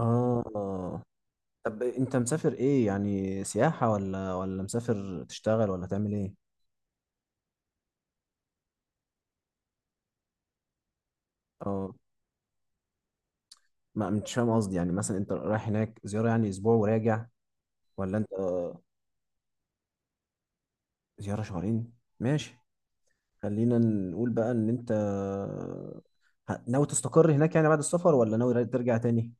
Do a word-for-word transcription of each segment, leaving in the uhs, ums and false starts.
اه. طب انت مسافر ايه؟ يعني سياحة ولا ولا مسافر تشتغل ولا تعمل ايه؟ اه. ما مش فاهم، قصدي يعني مثلا انت رايح هناك زيارة يعني اسبوع وراجع ولا انت زيارة شهرين؟ ماشي. خلينا نقول بقى ان انت ه- ناوي تستقر هناك يعني بعد السفر، ولا ناوي ترجع تاني؟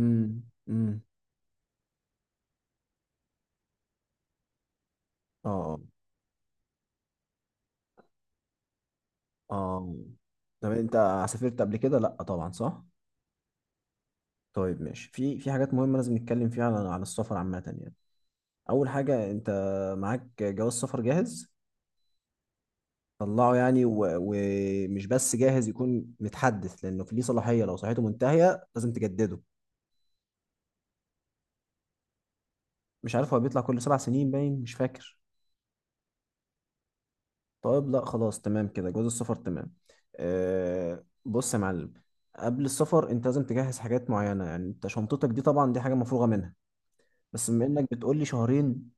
امم. امم. اه. اه. طب انت سافرت قبل كده؟ لا طبعا، صح. طيب ماشي، في في حاجات مهمة لازم نتكلم فيها عن عن السفر عامة يعني. اول حاجه، انت معاك جواز سفر جاهز؟ طلعه يعني، و- ومش بس جاهز، يكون متحدث لانه في ليه صلاحيه. لو صلاحيته منتهيه لازم تجدده. مش عارف، هو بيطلع كل سبع سنين باين، مش فاكر. طيب، لا خلاص تمام كده. جواز السفر تمام. أه، بص يا معلم، قبل السفر انت لازم تجهز حاجات معينه. يعني انت شنطتك دي طبعا دي حاجه مفروغه منها. بس بما انك بتقول لي شهرين،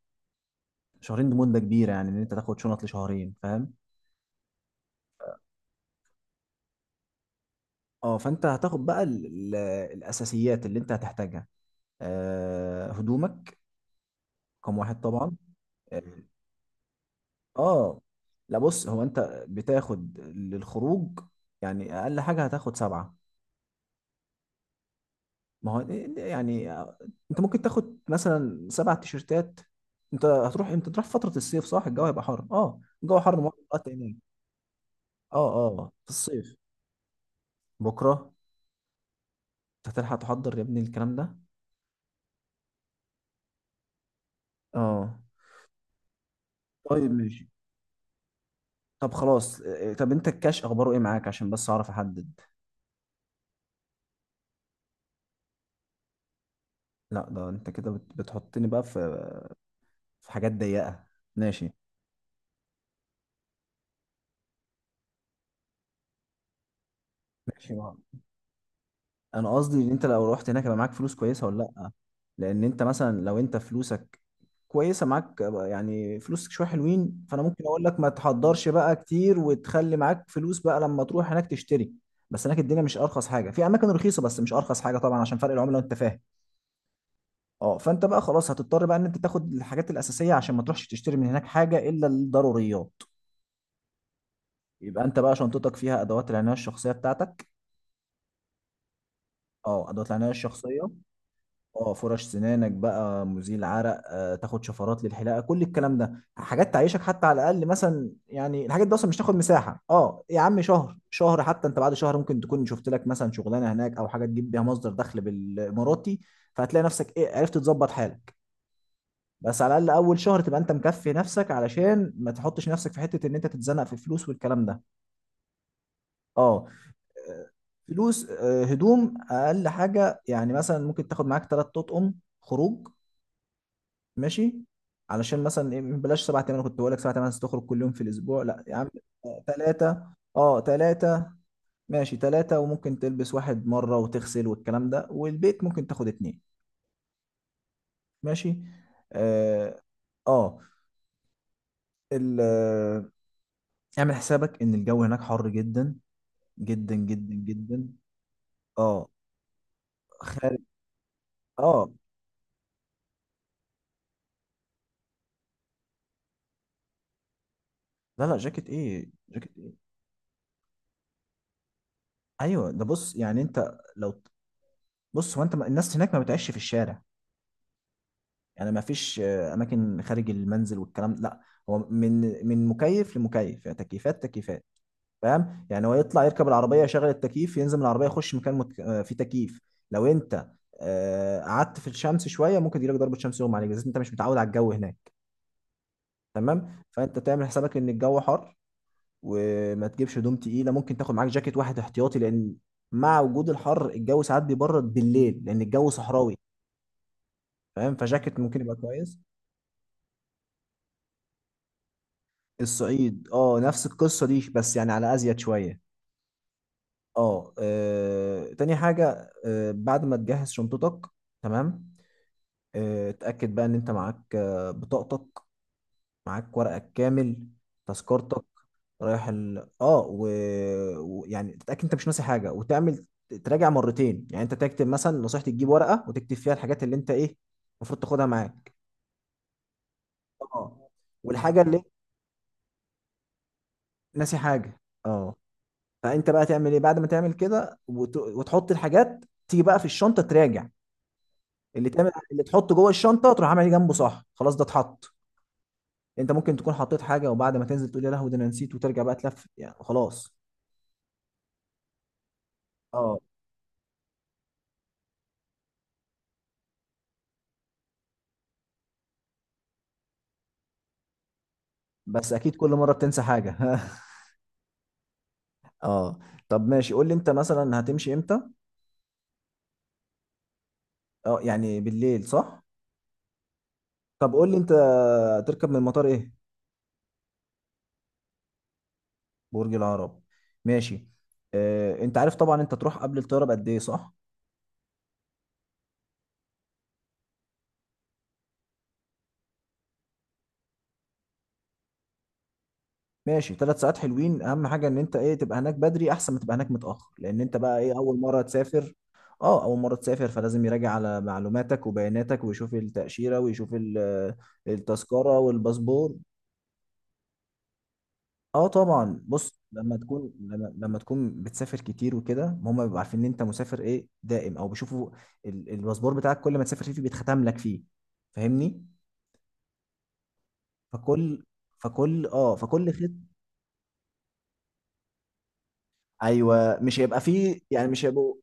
شهرين دي مده كبيره يعني ان انت تاخد شنط لشهرين، فاهم؟ اه، فانت هتاخد بقى ال- ال- الاساسيات اللي انت هتحتاجها. آه، هدومك رقم واحد طبعا. اه. آه. لا بص، هو انت بتاخد للخروج، يعني اقل حاجه هتاخد سبعه. ما هو، يعني آه، انت ممكن تاخد مثلا سبع تيشرتات. انت هتروح امتى؟ تروح فتره الصيف، صح؟ الجو هيبقى حر. اه، الجو حر موت وقت هناك. اه. اه، في الصيف. بكره؟ انت هتلحق تحضر يا ابني الكلام ده؟ اه. طيب ماشي. طب خلاص، آه، طب انت الكاش اخباره ايه معاك عشان بس اعرف احدد؟ لا ده انت كده بت- بتحطني بقى في في حاجات ضيقه. ماشي. ماشي، ما هو انا قصدي ان انت لو رحت هناك يبقى معاك فلوس كويسه ولا لا. لان انت مثلا لو انت فلوسك كويسه معاك، يعني فلوسك شويه حلوين، فانا ممكن اقول لك ما تحضرش بقى كتير وتخلي معاك فلوس بقى لما تروح هناك تشتري. بس هناك الدنيا مش ارخص حاجه، في اماكن رخيصه بس مش ارخص حاجه طبعا، عشان فرق العمله وانت فاهم. اه، فانت بقى خلاص هتضطر بقى ان انت تاخد الحاجات الاساسيه عشان ما تروحش تشتري من هناك حاجه الا الضروريات. يبقى انت بقى شنطتك فيها ادوات العنايه الشخصيه بتاعتك. اه، ادوات العنايه الشخصيه. اه، فرش سنانك بقى، مزيل عرق، آه، تاخد شفرات للحلاقه، كل الكلام ده حاجات تعيشك. حتى على الاقل مثلا يعني الحاجات دي اصلا مش تاخد مساحه. اه يا عم شهر شهر، حتى انت بعد شهر ممكن تكون شفت لك مثلا شغلانه هناك او حاجه تجيب بيها مصدر دخل بالاماراتي. فهتلاقي نفسك ايه، عرفت تظبط حالك. بس على الاقل اول شهر تبقى انت مكفي نفسك، علشان ما تحطش نفسك في حته ان انت تتزنق في الفلوس والكلام ده. اه. فلوس، آه، هدوم اقل حاجه يعني مثلا ممكن تاخد معاك ثلاث اطقم خروج. ماشي. علشان مثلا إيه، بلاش سبعة تمانية. كنت بقول لك سبعة تمانية تخرج كل يوم في الاسبوع، لا يا عم ثلاثة. اه، ثلاثة. ماشي ثلاثة، وممكن تلبس واحد مرة وتغسل والكلام ده. والبيت ممكن تاخد اتنين. ماشي. اه. اه. ال- آه، اعمل حسابك ان الجو هناك حر جدا، جدا جدا جدا. اه. خارج. اه. لا، لا، جاكيت ايه، جاكيت ايه؟ ايوه ده، بص يعني انت لو، بص هو انت ما- الناس هناك ما بتعيش في الشارع. يعني ما فيش آه، اماكن خارج المنزل والكلام ده. لا. هو من من مكيف لمكيف، يعني تكييفات تكييفات. فاهم يعني هو يطلع يركب العربيه، يشغل التكييف، ينزل من العربيه، يخش مكان مك... آه، فيه تكييف. لو انت آه، قعدت في الشمس شويه ممكن يجيلك ضربه شمس يغمى عليك، بس انت مش متعود على الجو هناك. تمام، فانت تعمل حسابك ان الجو حر وما تجيبش هدوم تقيله. ممكن تاخد معاك جاكيت واحد احتياطي، لان مع وجود الحر الجو ساعات بيبرد بالليل لان الجو صحراوي. فاهم؟ فجاكيت ممكن يبقى كويس. الصعيد، اه، نفس القصة دي بس يعني على أزيد شوية. اه. آه، تاني حاجة، آه، بعد ما تجهز شنطتك. تمام. آه، اتأكد بقى إن أنت معاك آه، بطاقتك، معاك ورقك كامل. تذكرتك، رايح ال اه ويعني و... ويعني تتأكد أنت مش ناسي حاجة وتعمل تراجع مرتين. يعني أنت تكتب مثلا نصيحتي، تجيب ورقة وتكتب فيها الحاجات اللي أنت إيه المفروض تاخدها معاك. اه. والحاجة اللي ناسي حاجة. اه. فانت بقى تعمل ايه بعد ما تعمل كده وت... وتحط الحاجات، تيجي بقى في الشنطه تراجع. اللي تعمل اللي تحطه جوه الشنطه، تروح عامل إيه جنبه، صح خلاص ده اتحط. انت ممكن تكون حطيت حاجه، وبعد ما تنزل تقول يا لهوي ده انا نسيت، وترجع بقى تلف يعني خلاص. اه. بس اكيد كل مره بتنسى حاجه. اه. طب ماشي، قول لي انت مثلا هتمشي امتى؟ اه، يعني بالليل، صح؟ طب قول لي انت تركب من المطار ايه؟ برج العرب. ماشي. آه، انت عارف طبعا انت تروح قبل الطياره بقد ايه، صح؟ ماشي، ثلاث ساعات حلوين. اهم حاجه ان انت ايه تبقى هناك بدري احسن ما تبقى هناك متاخر، لان انت بقى ايه اول مره تسافر. اه، اول مره تسافر، فلازم يراجع على معلوماتك وبياناتك ويشوف التاشيره ويشوف ال- آه، التذكره والباسبور. اه طبعا، بص لما تكون لما, لما تكون بتسافر كتير وكده، هم بيبقوا عارفين ان انت مسافر ايه دائم، او بيشوفوا ال- الباسبور بتاعك، كل ما تسافر فيه بيتختم لك فيه. فاهمني؟ فكل فكل اه فكل خط. ايوه، مش هيبقى فيه، يعني مش هيبقوا.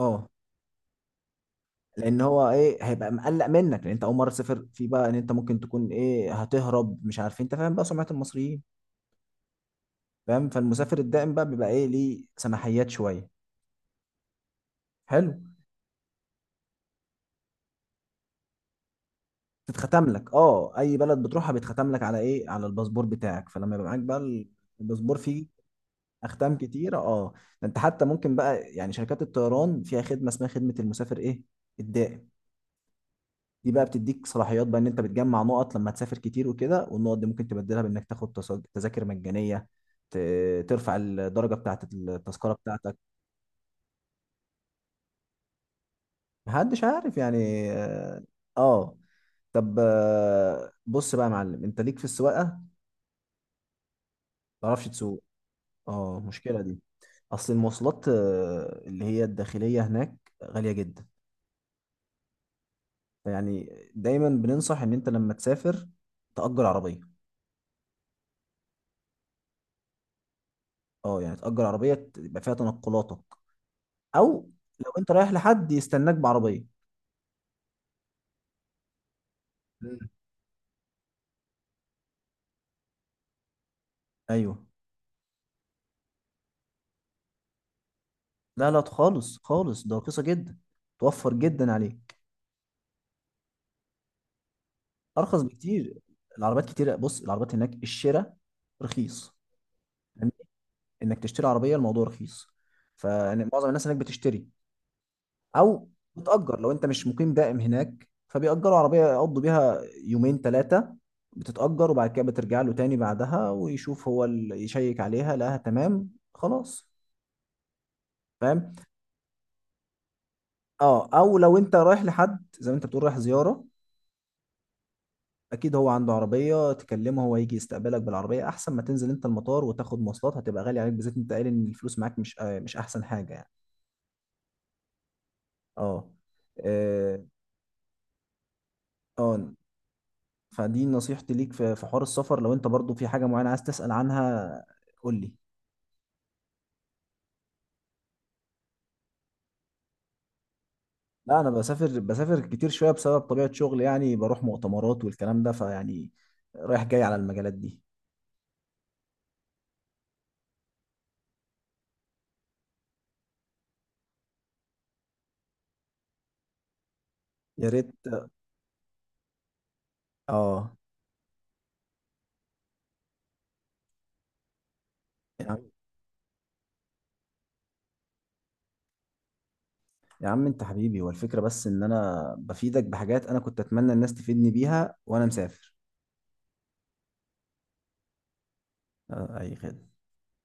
اه، لان هو ايه هيبقى مقلق منك، لان انت اول مره تسافر في بقى، ان انت ممكن تكون ايه هتهرب مش عارف إيه. انت فاهم بقى سمعه المصريين؟ فاهم، فالمسافر الدائم بقى بيبقى ايه ليه سماحيات شويه. حلو. تتختم لك، اه، اي بلد بتروحها بيتختم لك على ايه، على الباسبور بتاعك. فلما يبقى معاك بقى الباسبور فيه اختام كتيره. اه. ده انت حتى ممكن بقى، يعني شركات الطيران فيها خدمه اسمها خدمه المسافر ايه، الدائم. دي بقى بتديك صلاحيات بقى ان انت بتجمع نقط لما تسافر كتير وكده، والنقط دي ممكن تبدلها بانك تاخد تسا- تذاكر مجانيه، ت- ترفع الدرجه بتاعه التذكره بتاعتك. محدش عارف يعني. اه. آه. طب آه، بص بقى يا معلم، انت ليك في السواقه، ما تعرفش تسوق؟ اه، المشكله دي، اصل المواصلات آه، اللي هي الداخليه هناك غاليه جدا. يعني دايما بننصح ان انت لما تسافر تأجر عربيه. اه، يعني تأجر عربيه يبقى فيها تنقلاتك. او لو انت رايح لحد يستناك بعربيه. مم. ايوه. لا، لا خالص خالص، ده رخيصه جدا، توفر جدا عليك. ارخص بكتير. العربيات كتيره، بص العربيات هناك الشراء رخيص، يعني انك تشتري عربيه الموضوع رخيص. فمعظم الناس هناك بتشتري، او بتأجر. لو انت مش مقيم دائم هناك فبيأجروا عربيه يقضوا بيها يومين ثلاثه، بتتأجر وبعد كده بترجع له تاني بعدها، ويشوف هو اللي يشيك عليها لقاها تمام خلاص. فاهم؟ اه، او لو انت رايح لحد زي ما انت بتقول رايح زياره، اكيد هو عنده عربيه تكلمه هو يجي يستقبلك بالعربيه، احسن ما تنزل انت المطار وتاخد مواصلات هتبقى غالي عليك، بالذات انت قايل ان الفلوس معاك مش آه مش احسن حاجه يعني. اه. اه. آه. فدي نصيحتي ليك في في حوار السفر. لو انت برضو في حاجه معينه عايز تسال عنها، قول لي. لا، انا بسافر بسافر كتير شويه بسبب طبيعه شغل، يعني بروح مؤتمرات والكلام ده فيعني رايح جاي على المجالات دي. يا ريت. اه يا عم انت حبيبي، هو الفكرة بس ان انا بفيدك بحاجات انا كنت اتمنى الناس تفيدني بيها وانا مسافر. آه، اي خدمة.